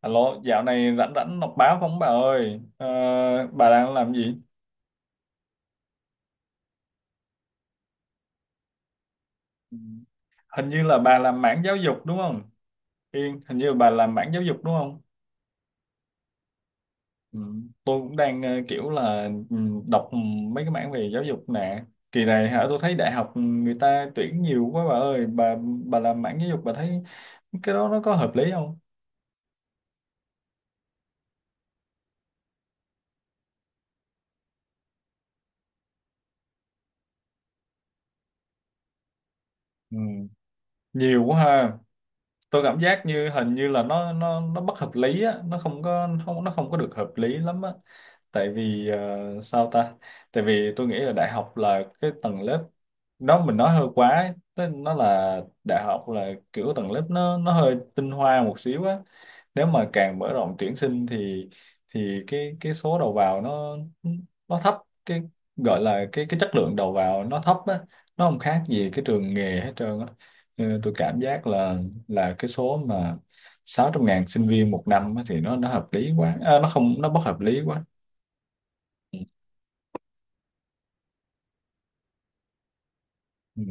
Alo, dạo này rảnh rảnh đọc báo không bà ơi? Ờ, bà đang làm gì? Ừ. Hình như là bà làm mảng giáo dục đúng không? Yên, hình như là bà làm mảng giáo dục đúng không? Ừ. Tôi cũng đang kiểu là đọc mấy cái mảng về giáo dục nè. Kỳ này hả, tôi thấy đại học người ta tuyển nhiều quá bà ơi. Bà làm mảng giáo dục bà thấy cái đó nó có hợp lý không? Ừ. Nhiều quá ha. Tôi cảm giác như hình như là nó bất hợp lý á, nó không có không, nó không có được hợp lý lắm á, tại vì ờ, sao ta tại vì tôi nghĩ là đại học là cái tầng lớp, nó mình nói hơi quá ấy. Tức nó là đại học là kiểu tầng lớp nó hơi tinh hoa một xíu á, nếu mà càng mở rộng tuyển sinh thì cái số đầu vào nó thấp, cái gọi là cái chất lượng đầu vào nó thấp á, nó không khác gì cái trường nghề hết trơn á. Ừ, tôi cảm giác là cái số mà 600.000 sinh viên một năm á thì nó hợp lý quá à, nó không, nó bất hợp lý quá. Ừ.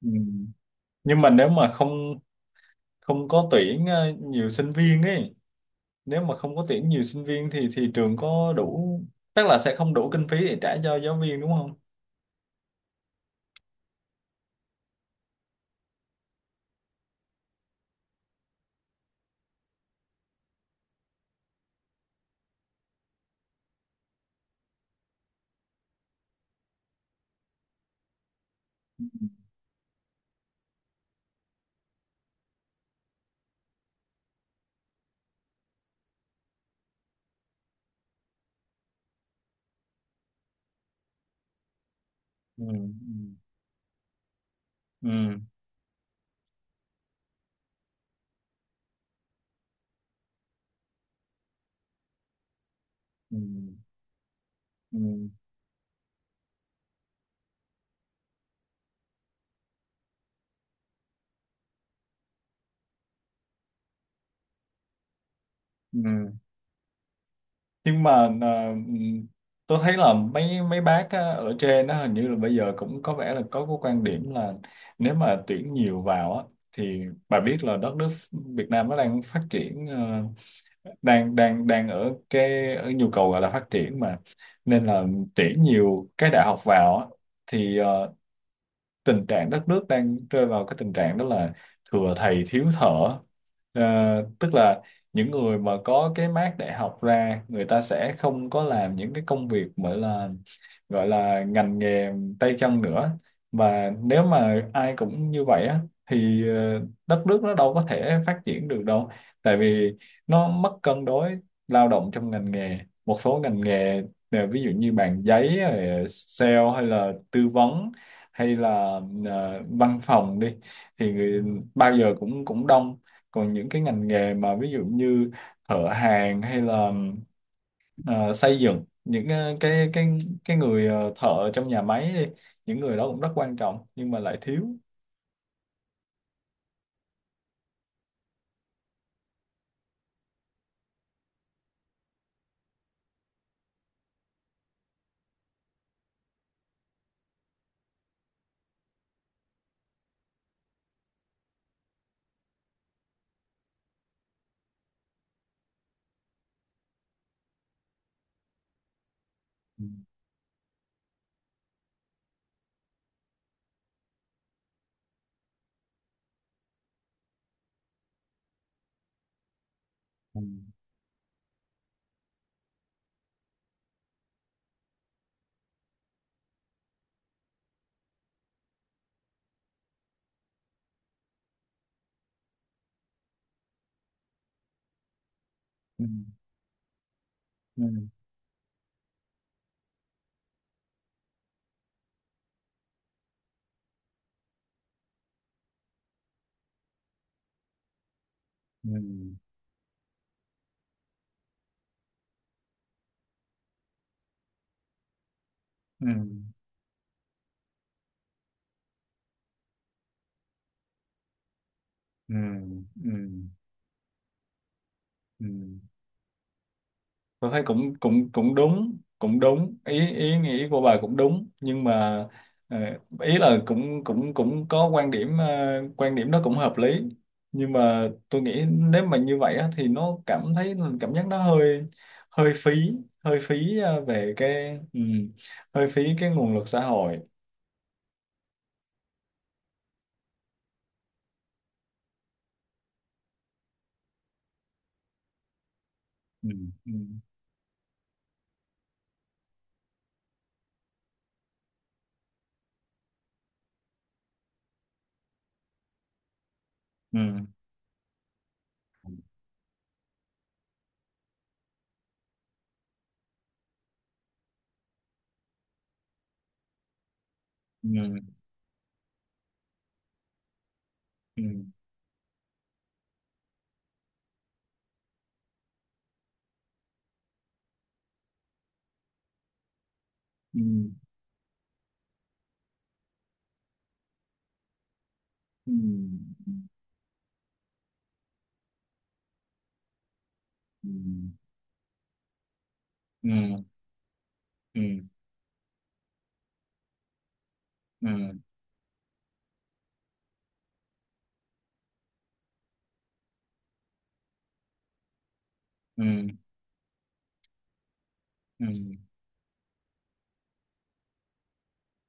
Ừ. Nhưng mà nếu mà không, không có tuyển nhiều sinh viên ấy, nếu mà không có tuyển nhiều sinh viên thì trường có đủ, tức là sẽ không đủ kinh phí để trả cho giáo viên đúng không. Ừ. Ừ. Ừ. Ừ. Ừ. Ừ. Nhưng mà à, tôi thấy là mấy mấy bác á, ở trên nó hình như là bây giờ cũng có vẻ là có cái quan điểm là nếu mà tuyển nhiều vào á thì bà biết là đất nước Việt Nam nó đang phát triển, ờ, đang đang đang ở cái ở nhu cầu gọi là phát triển mà, nên là tuyển nhiều cái đại học vào á thì tình trạng đất nước đang rơi vào cái tình trạng đó là thừa thầy thiếu thợ. Ờ, Tức là những người mà có cái mác đại học ra người ta sẽ không có làm những cái công việc gọi là, gọi là ngành nghề tay chân nữa, và nếu mà ai cũng như vậy á thì đất nước nó đâu có thể phát triển được đâu, tại vì nó mất cân đối lao động trong ngành nghề. Một số ngành nghề, ví dụ như bàn giấy rồi sale hay là tư vấn, hay là văn phòng đi, thì người bao giờ cũng cũng đông, còn những cái ngành nghề mà ví dụ như thợ hàn hay là ờ, xây dựng, những cái người, thợ trong nhà máy đi, những người đó cũng rất quan trọng nhưng mà lại thiếu. Ừ, ừ, ừ, ừ, ừ, ừ, ừ, ừ. Tôi thấy cũng cũng cũng đúng, cũng đúng, ý ý nghĩ của bà cũng đúng nhưng mà ờ, ý là cũng cũng cũng có quan điểm, quan điểm đó cũng hợp lý, nhưng mà tôi nghĩ nếu mà như vậy á, thì nó cảm thấy, cảm giác nó hơi, hơi phí, hơi phí về cái, hơi phí cái nguồn lực xã hội. Ừ, ừ, ừ, ừ, ừ, ừ, ừ, ừ, ừ, ừ, ừ, ừ, ừ, ừ. Ừ,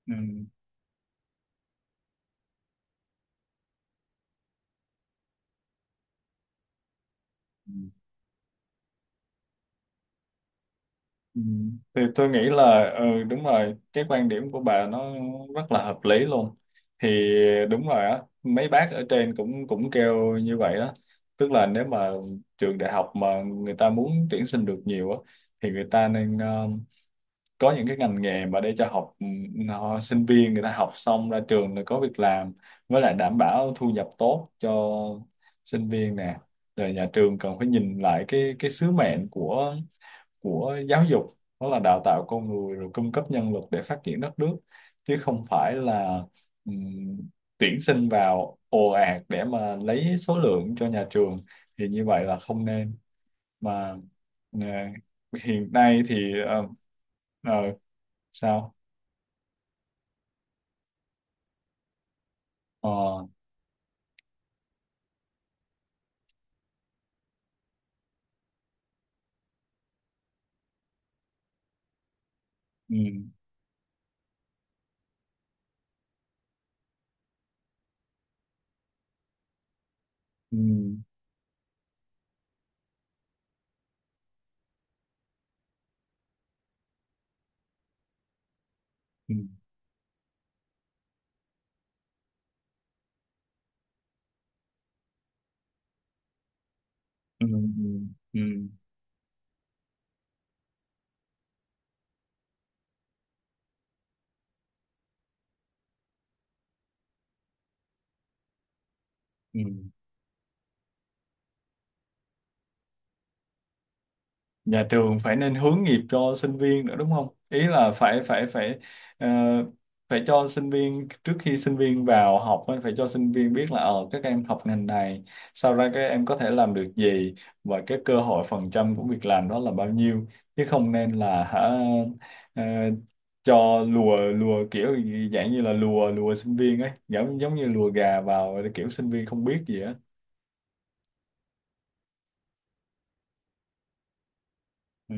ừ, ừ. Ừ. Thì tôi nghĩ là ừ đúng rồi, cái quan điểm của bà nó rất là hợp lý luôn, thì đúng rồi á, mấy bác ở trên cũng cũng kêu như vậy đó, tức là nếu mà trường đại học mà người ta muốn tuyển sinh được nhiều á thì người ta nên có những cái ngành nghề mà để cho học, ừ, nó, sinh viên người ta học xong ra trường rồi có việc làm, với lại đảm bảo thu nhập tốt cho sinh viên nè, rồi nhà trường cần phải nhìn lại cái sứ mệnh của giáo dục, đó là đào tạo con người rồi cung cấp nhân lực để phát triển đất nước, chứ không phải là ừm, tuyển sinh vào ồ ạt để mà lấy số lượng cho nhà trường, thì như vậy là không nên mà. Ờ, hiện nay thì ờ, ờ, sao Ờ, ừm, ừm, ừm, ừm, ừm, ừm. Nhà trường phải nên hướng nghiệp cho sinh viên nữa đúng không? Ý là phải phải phải ờ, phải cho sinh viên trước khi sinh viên vào học á, phải cho sinh viên biết là ờ các em học ngành này, sau ra các em có thể làm được gì, và cái cơ hội phần trăm của việc làm đó là bao nhiêu, chứ không nên là hả, ờ, cho lùa lùa kiểu gì- dạng như là lùa lùa sinh viên ấy, giống giống như lùa gà vào kiểu sinh viên không biết gì á. Ừ.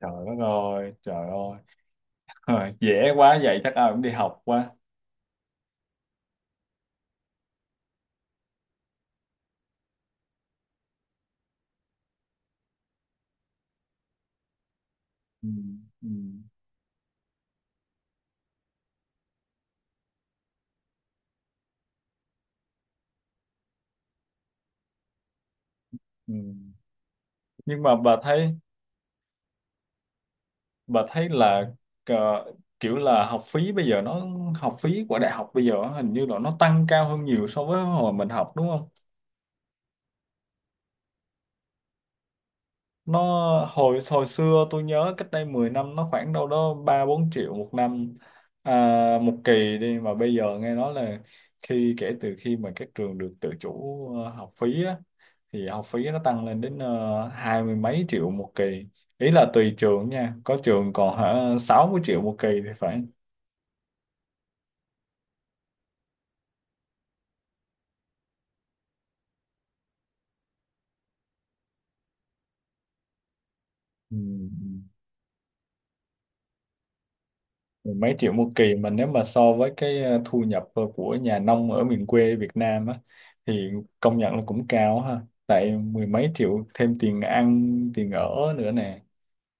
Trời đất ơi, trời ơi. Ờ, dễ quá vậy chắc ai cũng đi học quá. Ừ. Ừ. Ừ. Nhưng mà bà thấy, bà thấy là ờ, kiểu là học phí bây giờ nó, học phí của đại học bây giờ hình như là nó tăng cao hơn nhiều so với hồi mình học đúng không, nó hồi hồi xưa tôi nhớ cách đây 10 năm nó khoảng đâu đó ba bốn triệu một năm, à, một kỳ đi, mà bây giờ nghe nói là khi, kể từ khi mà các trường được tự chủ học phí á, thì học phí nó tăng lên đến hai mươi mấy triệu một kỳ, ý là tùy trường nha, có trường còn hả 60 triệu một kỳ thì phải. Ừ. Mười mấy triệu một kỳ mà nếu mà so với cái thu nhập của nhà nông ở miền quê Việt Nam á thì công nhận là cũng cao ha, tại mười mấy triệu thêm tiền ăn, tiền ở nữa nè,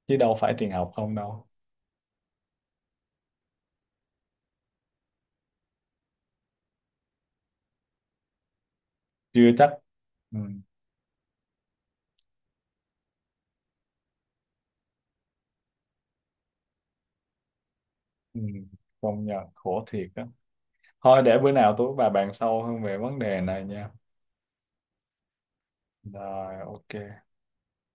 chứ đâu phải tiền học không đâu. Chưa chắc. Ừ. Ừ. Công nhận khổ thiệt á, thôi để bữa nào tôi với bà bàn sâu hơn về vấn đề này nha, rồi ok.